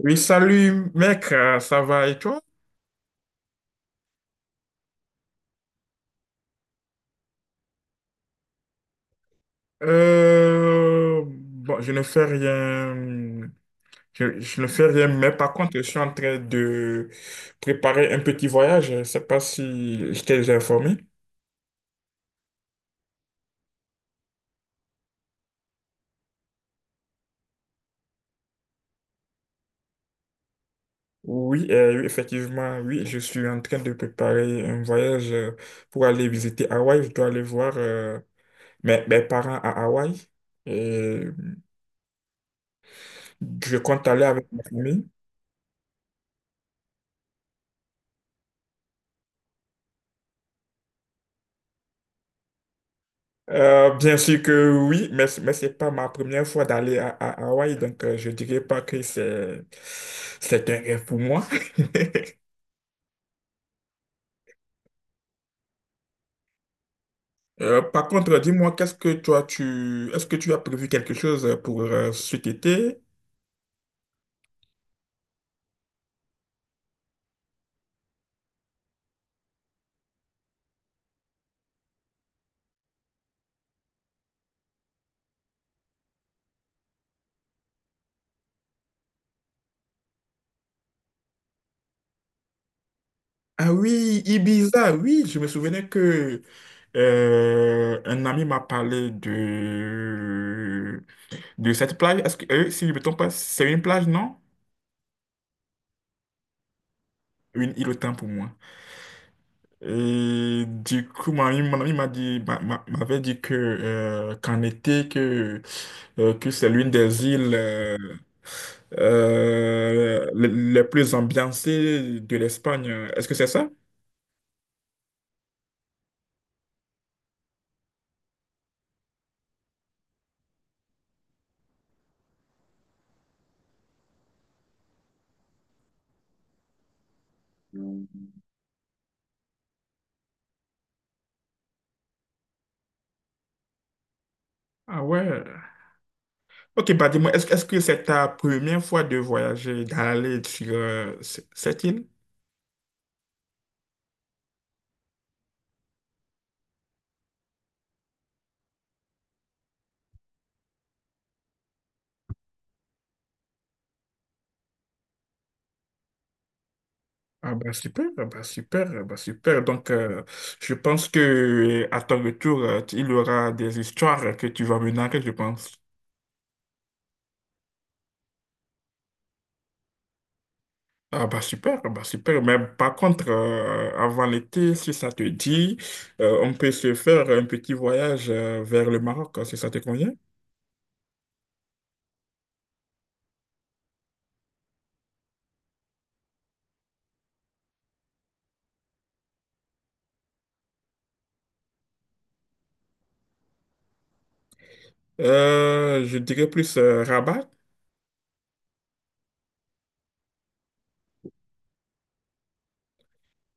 Oui, salut mec, ça va et toi? Bon, je ne fais rien, je ne fais rien, mais par contre, je suis en train de préparer un petit voyage. Je ne sais pas si je t'ai déjà informé. Oui, oui, effectivement, oui, je suis en train de préparer un voyage pour aller visiter Hawaï. Je dois aller voir mes parents à Hawaï et je compte aller avec ma famille. Bien sûr que oui, mais ce n'est pas ma première fois d'aller à Hawaï, donc je ne dirais pas que c'est un rêve pour moi. Par contre, dis-moi, qu'est-ce que toi, est-ce que tu as prévu quelque chose pour cet été? Ah oui, Ibiza, oui, je me souvenais que un ami m'a parlé de cette plage. Est-ce que, si je ne me trompe pas, c'est une plage, non? Une île autant pour moi. Et du coup, mon ami m'avait dit que qu'en été, que c'est l'une des îles les plus ambiancées de l'Espagne. Est-ce que c'est ça? Ah ouais. Ok, bah dis-moi, est-ce que c'est ta première fois de voyager, d'aller sur cette île? Ah bah super, ah bah super, ah bah super. Donc je pense que à ton retour, il y aura des histoires que tu vas me narrer, je pense. Ah bah super, ah bah super. Mais par contre, avant l'été, si ça te dit, on peut se faire un petit voyage vers le Maroc, hein, si ça te convient. Je dirais plus Rabat,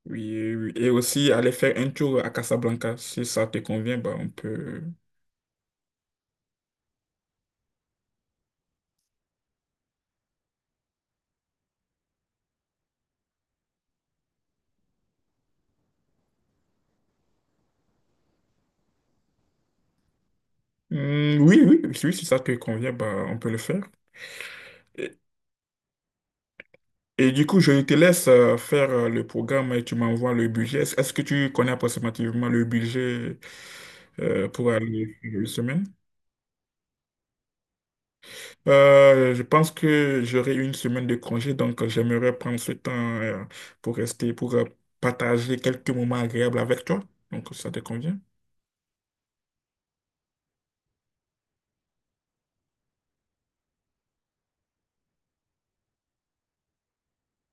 oui, oui. Et aussi aller faire un tour à Casablanca. Si ça te convient, bah, on peut. Hmm, oui, oui, si, oui, si ça te convient, bah, on peut le faire. Et, et du coup, je te laisse faire le programme et tu m'envoies le budget. Est-ce que tu connais approximativement le budget pour aller une semaine? Je pense que j'aurai une semaine de congé, donc j'aimerais prendre ce temps pour rester, pour partager quelques moments agréables avec toi. Donc, ça te convient?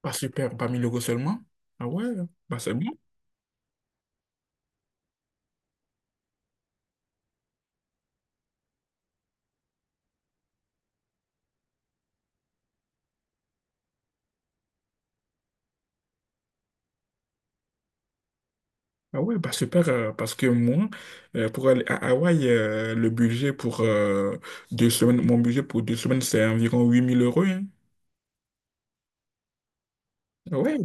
Bah super, pas 1 000 € seulement. Ah ouais, bah c'est bon. Ah ouais, bah super, parce que moi, pour aller à Hawaï, le budget pour deux semaines, mon budget pour 2 semaines, c'est environ 8000 euros, hein. Ah ouais,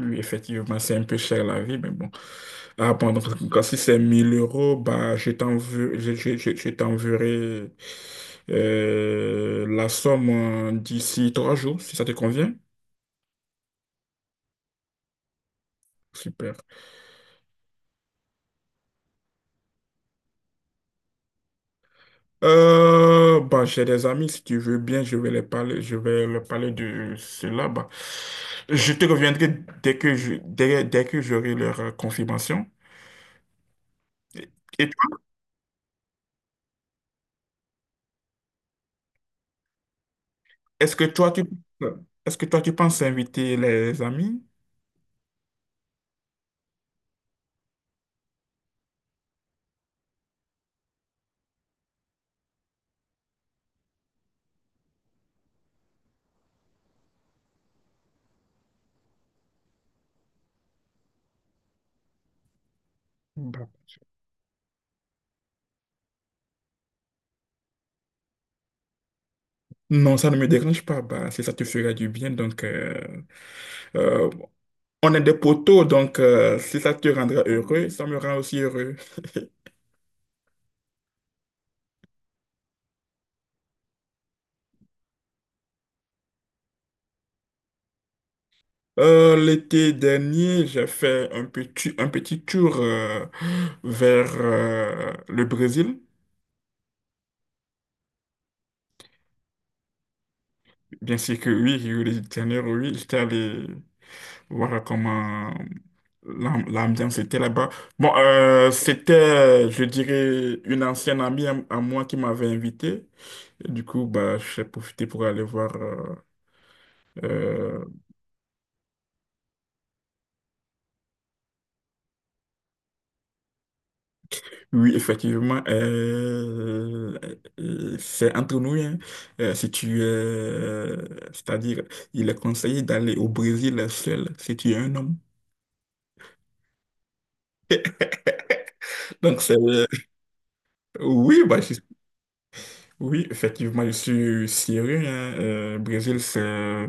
oui, effectivement, c'est un peu cher la vie, mais bon. Ah bon, donc quand si c'est 1000 euros, bah je t'enverrai, la somme d'ici 3 jours, si ça te convient. Super. Bah, j'ai des amis, si tu veux bien, je vais leur parler de cela. Bah, je te reviendrai dès que j'aurai leur confirmation. Et, et toi, est-ce que toi, tu, est-ce que toi, tu penses inviter les amis? Bah, non, ça ne me dérange pas. Bah, si ça te fera du bien, donc euh, on est des poteaux, donc si ça te rendra heureux, ça me rend aussi heureux. L'été dernier, j'ai fait un petit tour vers le Brésil. Bien sûr que oui, Rio de Janeiro, oui, j'étais allé voir comment l'ambiance était là-bas. Bon, c'était, je dirais, une ancienne amie à moi qui m'avait invité. Et du coup, bah, j'ai profité pour aller voir euh, Oui, effectivement, c'est entre nous, hein. Si tu, c'est-à-dire, il est conseillé d'aller au Brésil seul si tu es un homme. Donc, oui, bah, oui, effectivement, je suis syrien, hein. Brésil, c'est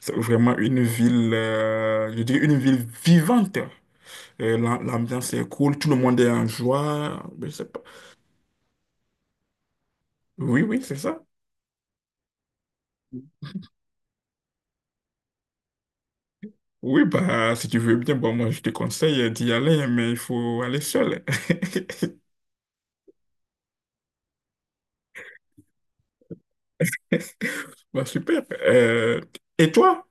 c'est vraiment une ville, je dirais une ville vivante. L'ambiance est cool, tout le monde est en joie. Je sais pas. Oui, oui, c'est ça. Oui, bah, si tu veux bien, bon, moi, je te conseille d'y aller, mais il faut aller seul. Bah, super. Et toi?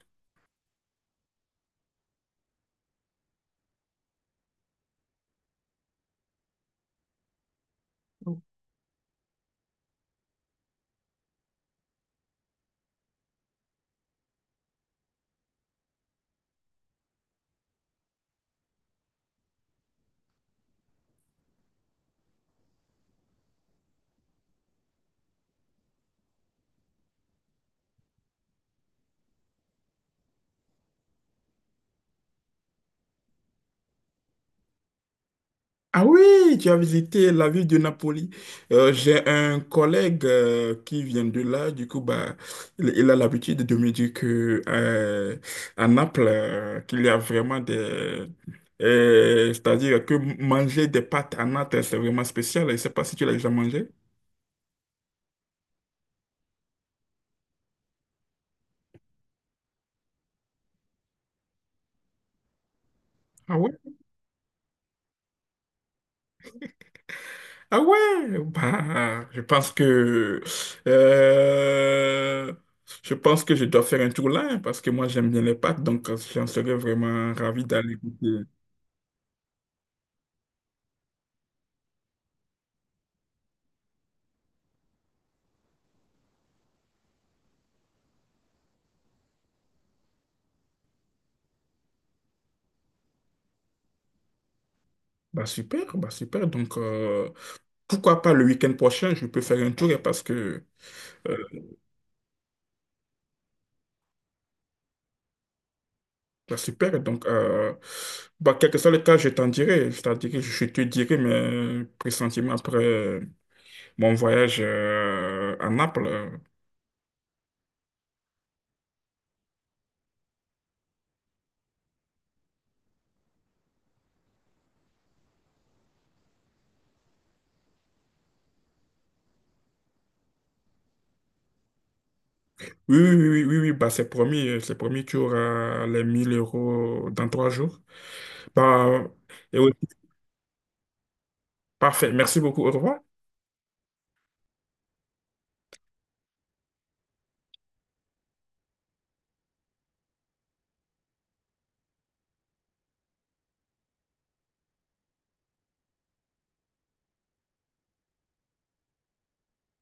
Ah oui, tu as visité la ville de Napoli. J'ai un collègue qui vient de là. Du coup, bah, il a l'habitude de me dire que à Naples, qu'il y a vraiment des. C'est-à-dire que manger des pâtes à Naples, c'est vraiment spécial. Je ne sais pas si tu l'as déjà mangé. Ah ouais? Ah ouais, bah, euh, je pense que je dois faire un tour là, hein, parce que moi j'aime bien les pâtes, donc j'en serais vraiment ravi d'aller goûter. Bah super, bah super. Donc pourquoi pas le week-end prochain, je peux faire un tour, hein, parce que euh, bah super. Donc bah quel que soit le cas, je te dirai mes pressentiments après mon voyage à Naples. Oui, oui, oui, oui, oui, oui. Bah, c'est promis, tu auras les 1 000 € dans 3 jours. Bah, et oui, parfait, merci beaucoup, au revoir.